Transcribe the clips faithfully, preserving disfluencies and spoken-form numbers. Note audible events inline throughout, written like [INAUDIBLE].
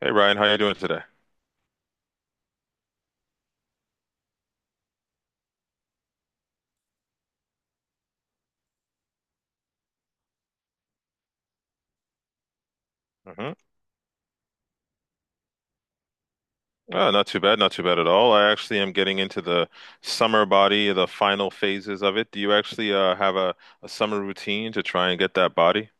Hey Ryan, how you doing today? Hmm. Oh, not too bad, not too bad at all. I actually am getting into the summer body, the final phases of it. Do you actually uh, have a, a summer routine to try and get that body?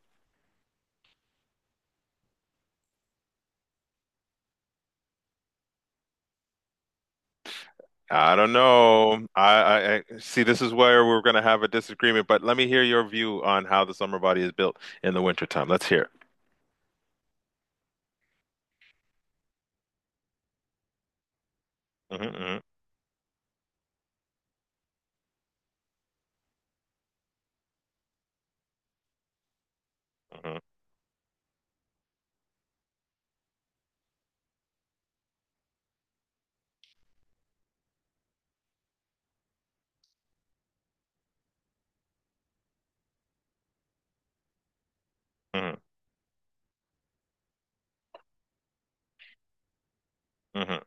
I don't know. I, I, I see this is where we're going to have a disagreement, but let me hear your view on how the summer body is built in the wintertime. Let's hear it. Hmm. Hmm. Hmm. Hmm. Hmm.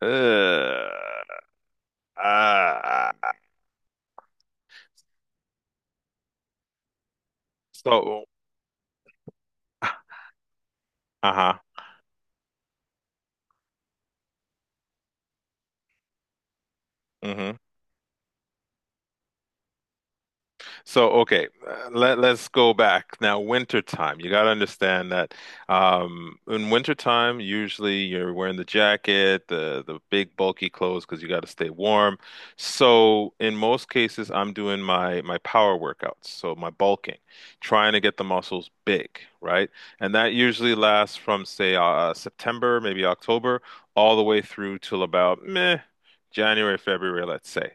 Uh, ah. So. [LAUGHS] Uh-huh. Hmm. So, okay, uh, let, let's go back. Now, wintertime, you got to understand that um, in wintertime, usually you're wearing the jacket, the, the big bulky clothes because you got to stay warm. So, in most cases, I'm doing my, my power workouts, so my bulking, trying to get the muscles big, right? And that usually lasts from, say, uh, September, maybe October, all the way through till about meh, January, February, let's say.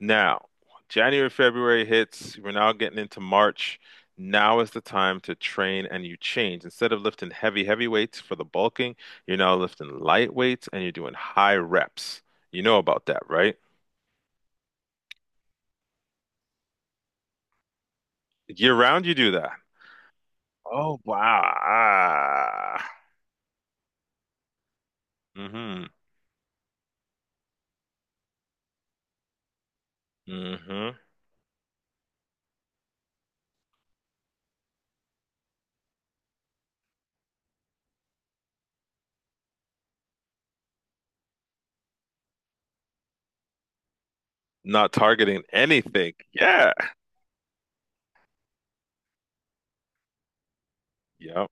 Now, January, February hits. We're now getting into March. Now is the time to train and you change. Instead of lifting heavy, heavy weights for the bulking, you're now lifting light weights and you're doing high reps. You know about that, right? Year round, you do that. Oh, wow. Hmm. Hmm. Not targeting anything. Yeah. Yep.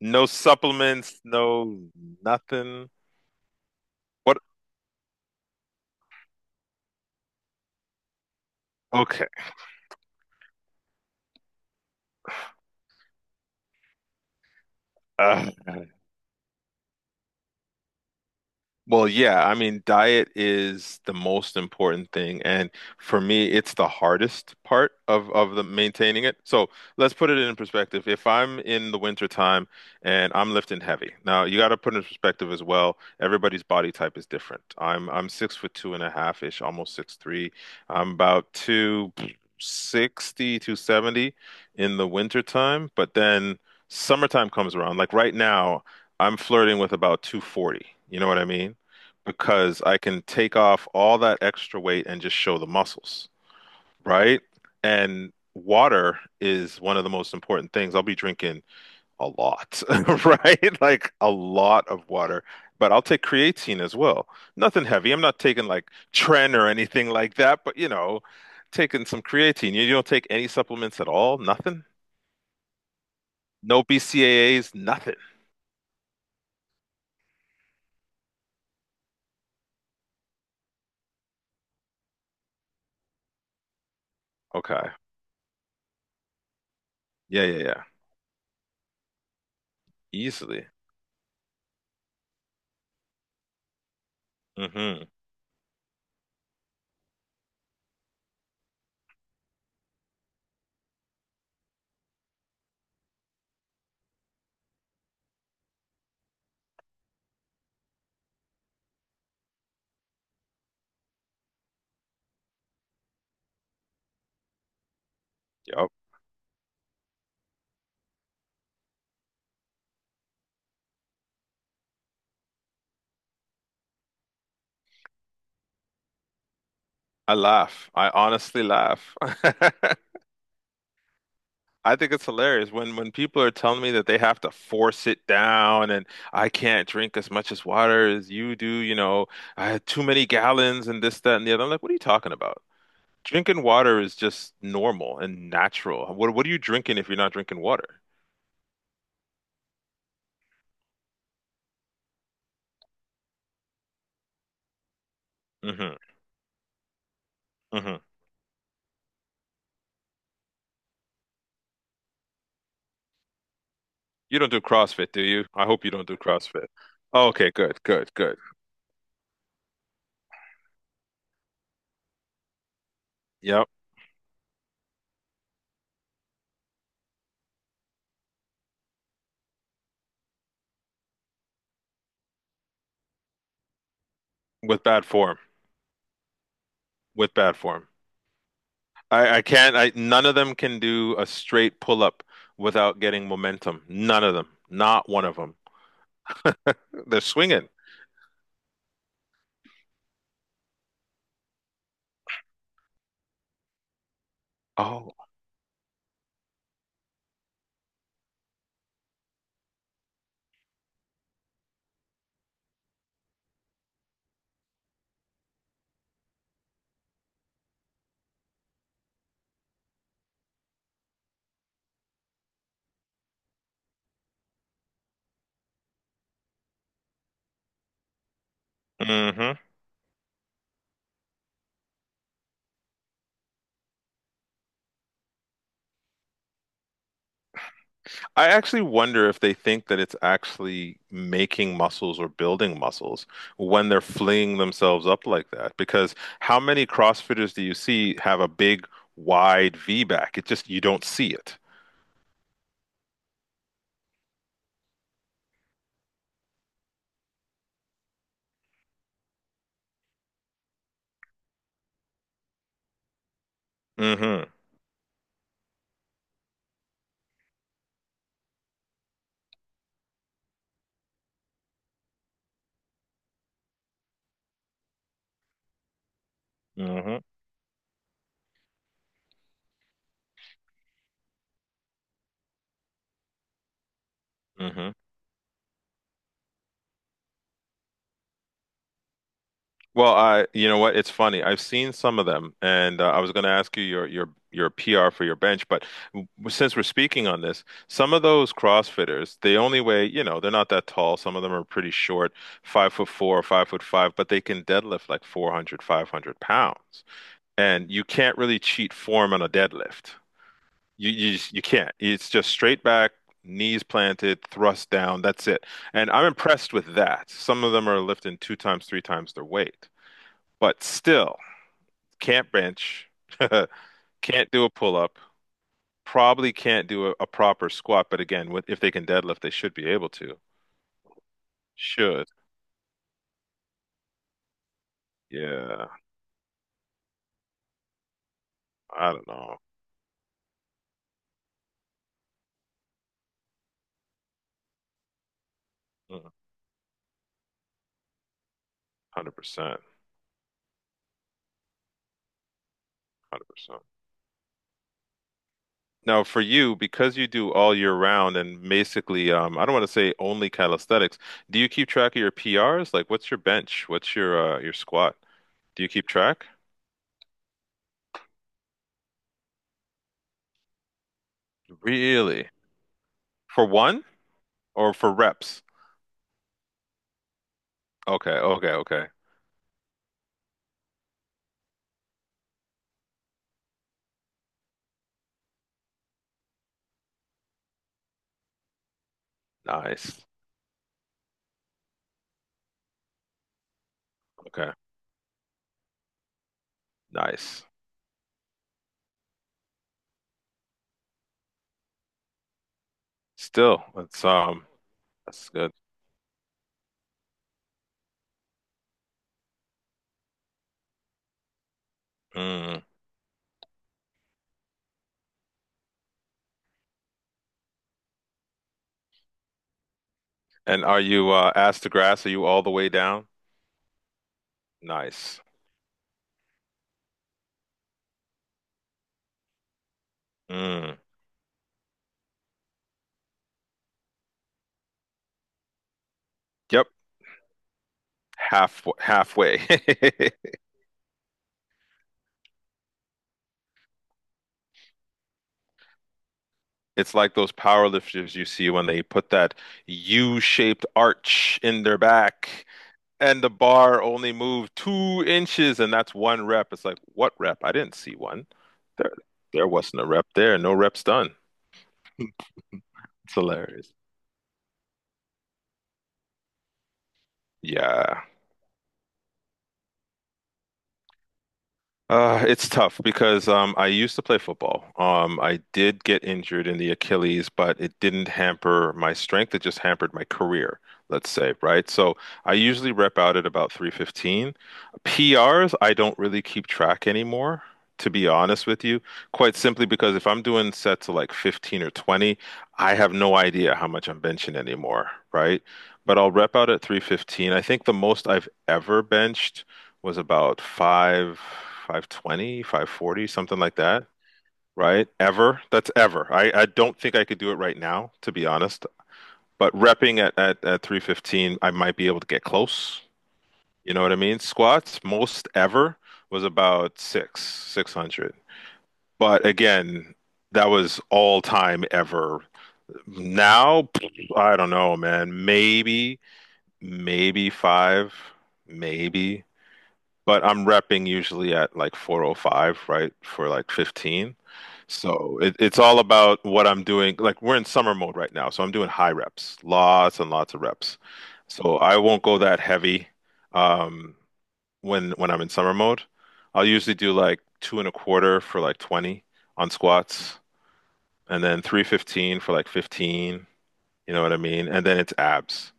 No supplements, no nothing. What? Okay. Uh, Well, yeah, I mean, diet is the most important thing, and for me, it's the hardest part of of the maintaining it. So let's put it in perspective. If I'm in the winter time and I'm lifting heavy, now you got to put it in perspective as well. Everybody's body type is different. I'm I'm six foot two and a half ish, almost six three. I'm about two sixty, two seventy in the winter time, but then summertime comes around. Like right now, I'm flirting with about two forty. You know what I mean? Because I can take off all that extra weight and just show the muscles, right? And water is one of the most important things. I'll be drinking a lot, [LAUGHS] right? Like a lot of water. But I'll take creatine as well. Nothing heavy. I'm not taking like Tren or anything like that, but you know, taking some creatine. You, you don't take any supplements at all? Nothing? No B C A As? Nothing. Okay. Yeah, yeah, yeah. Easily. Mm-hmm. Yep. I laugh. I honestly laugh. [LAUGHS] I think it's hilarious when when people are telling me that they have to force it down and I can't drink as much as water as you do, you know, I had too many gallons and this, that, and the other. I'm like, what are you talking about? Drinking water is just normal and natural. What what are you drinking if you're not drinking water? Hmm. Hmm. You don't do CrossFit, do you? I hope you don't do CrossFit. Oh, okay, good, good, good. Yep. With bad form. With bad form. I, I can't I None of them can do a straight pull up without getting momentum. None of them. Not one of them. They're swinging. Oh. Hmm. I actually wonder if they think that it's actually making muscles or building muscles when they're flinging themselves up like that. Because how many CrossFitters do you see have a big, wide V back? It just, you don't see it. Hmm. Hmm. Hmm. Well, I, you know what? It's funny. I've seen some of them, and uh, I was going to ask you your your your P R for your bench, but w- since we're speaking on this, some of those CrossFitters, they only weigh, you know, they're not that tall. Some of them are pretty short, five foot four five foot five, but they can deadlift like four hundred, five hundred pounds, and you can't really cheat form on a deadlift. You you just- you can't. It's just straight back. Knees planted, thrust down, that's it. And I'm impressed with that. Some of them are lifting two times, three times their weight. But still, can't bench, [LAUGHS] can't do a pull up, probably can't do a, a proper squat. But again, with, if they can deadlift, they should be able to. Should. Yeah, I don't know. Mm, one hundred percent. one hundred percent. Now, for you, because you do all year round and basically, um, I don't want to say only calisthenics, do you keep track of your P Rs? Like, what's your bench? What's your uh, your squat? Do you keep track? Really? For one or for reps? Okay, okay, okay. Nice. Okay. Nice. Still, that's um, that's good. Mm. And are you uh, ass to grass? Are you all the way down? Nice. Mm. Yep. Half halfway. [LAUGHS] It's like those power lifters you see when they put that U-shaped arch in their back, and the bar only moved two inches, and that's one rep. It's like, what rep? I didn't see one. There, there wasn't a rep there. No reps done. [LAUGHS] It's hilarious. Yeah. Uh, it's tough because um, I used to play football. Um, I did get injured in the Achilles, but it didn't hamper my strength. It just hampered my career, let's say, right? So I usually rep out at about three fifteen. P Rs, I don't really keep track anymore, to be honest with you, quite simply because if I'm doing sets of like fifteen or twenty, I have no idea how much I'm benching anymore, right? But I'll rep out at three fifteen. I think the most I've ever benched was about five, five twenty, five forty, something like that, right? Ever. That's ever. I, I don't think I could do it right now, to be honest. But repping at, at, at three fifteen, I might be able to get close. You know what I mean? Squats, most ever was about six, 600. But again, that was all time ever. Now, I don't know, man. Maybe, maybe five, maybe but I'm repping usually at like four zero five, right, for like fifteen. So it, it's all about what I'm doing. Like we're in summer mode right now, so I'm doing high reps, lots and lots of reps. So I won't go that heavy um, when when I'm in summer mode. I'll usually do like two and a quarter for like twenty on squats, and then three fifteen for like fifteen. You know what I mean? And then it's abs.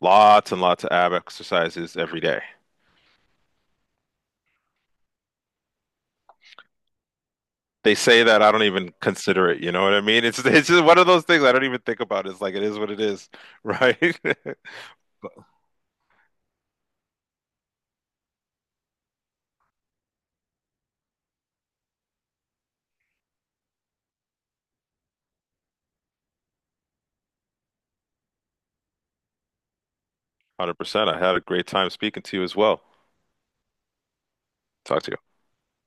Lots and lots of ab exercises every day. They say that I don't even consider it. You know what I mean? It's it's just one of those things I don't even think about. It's like it is what it is, right? [LAUGHS] One Hundred percent. I had a great time speaking to you as well. Talk to you.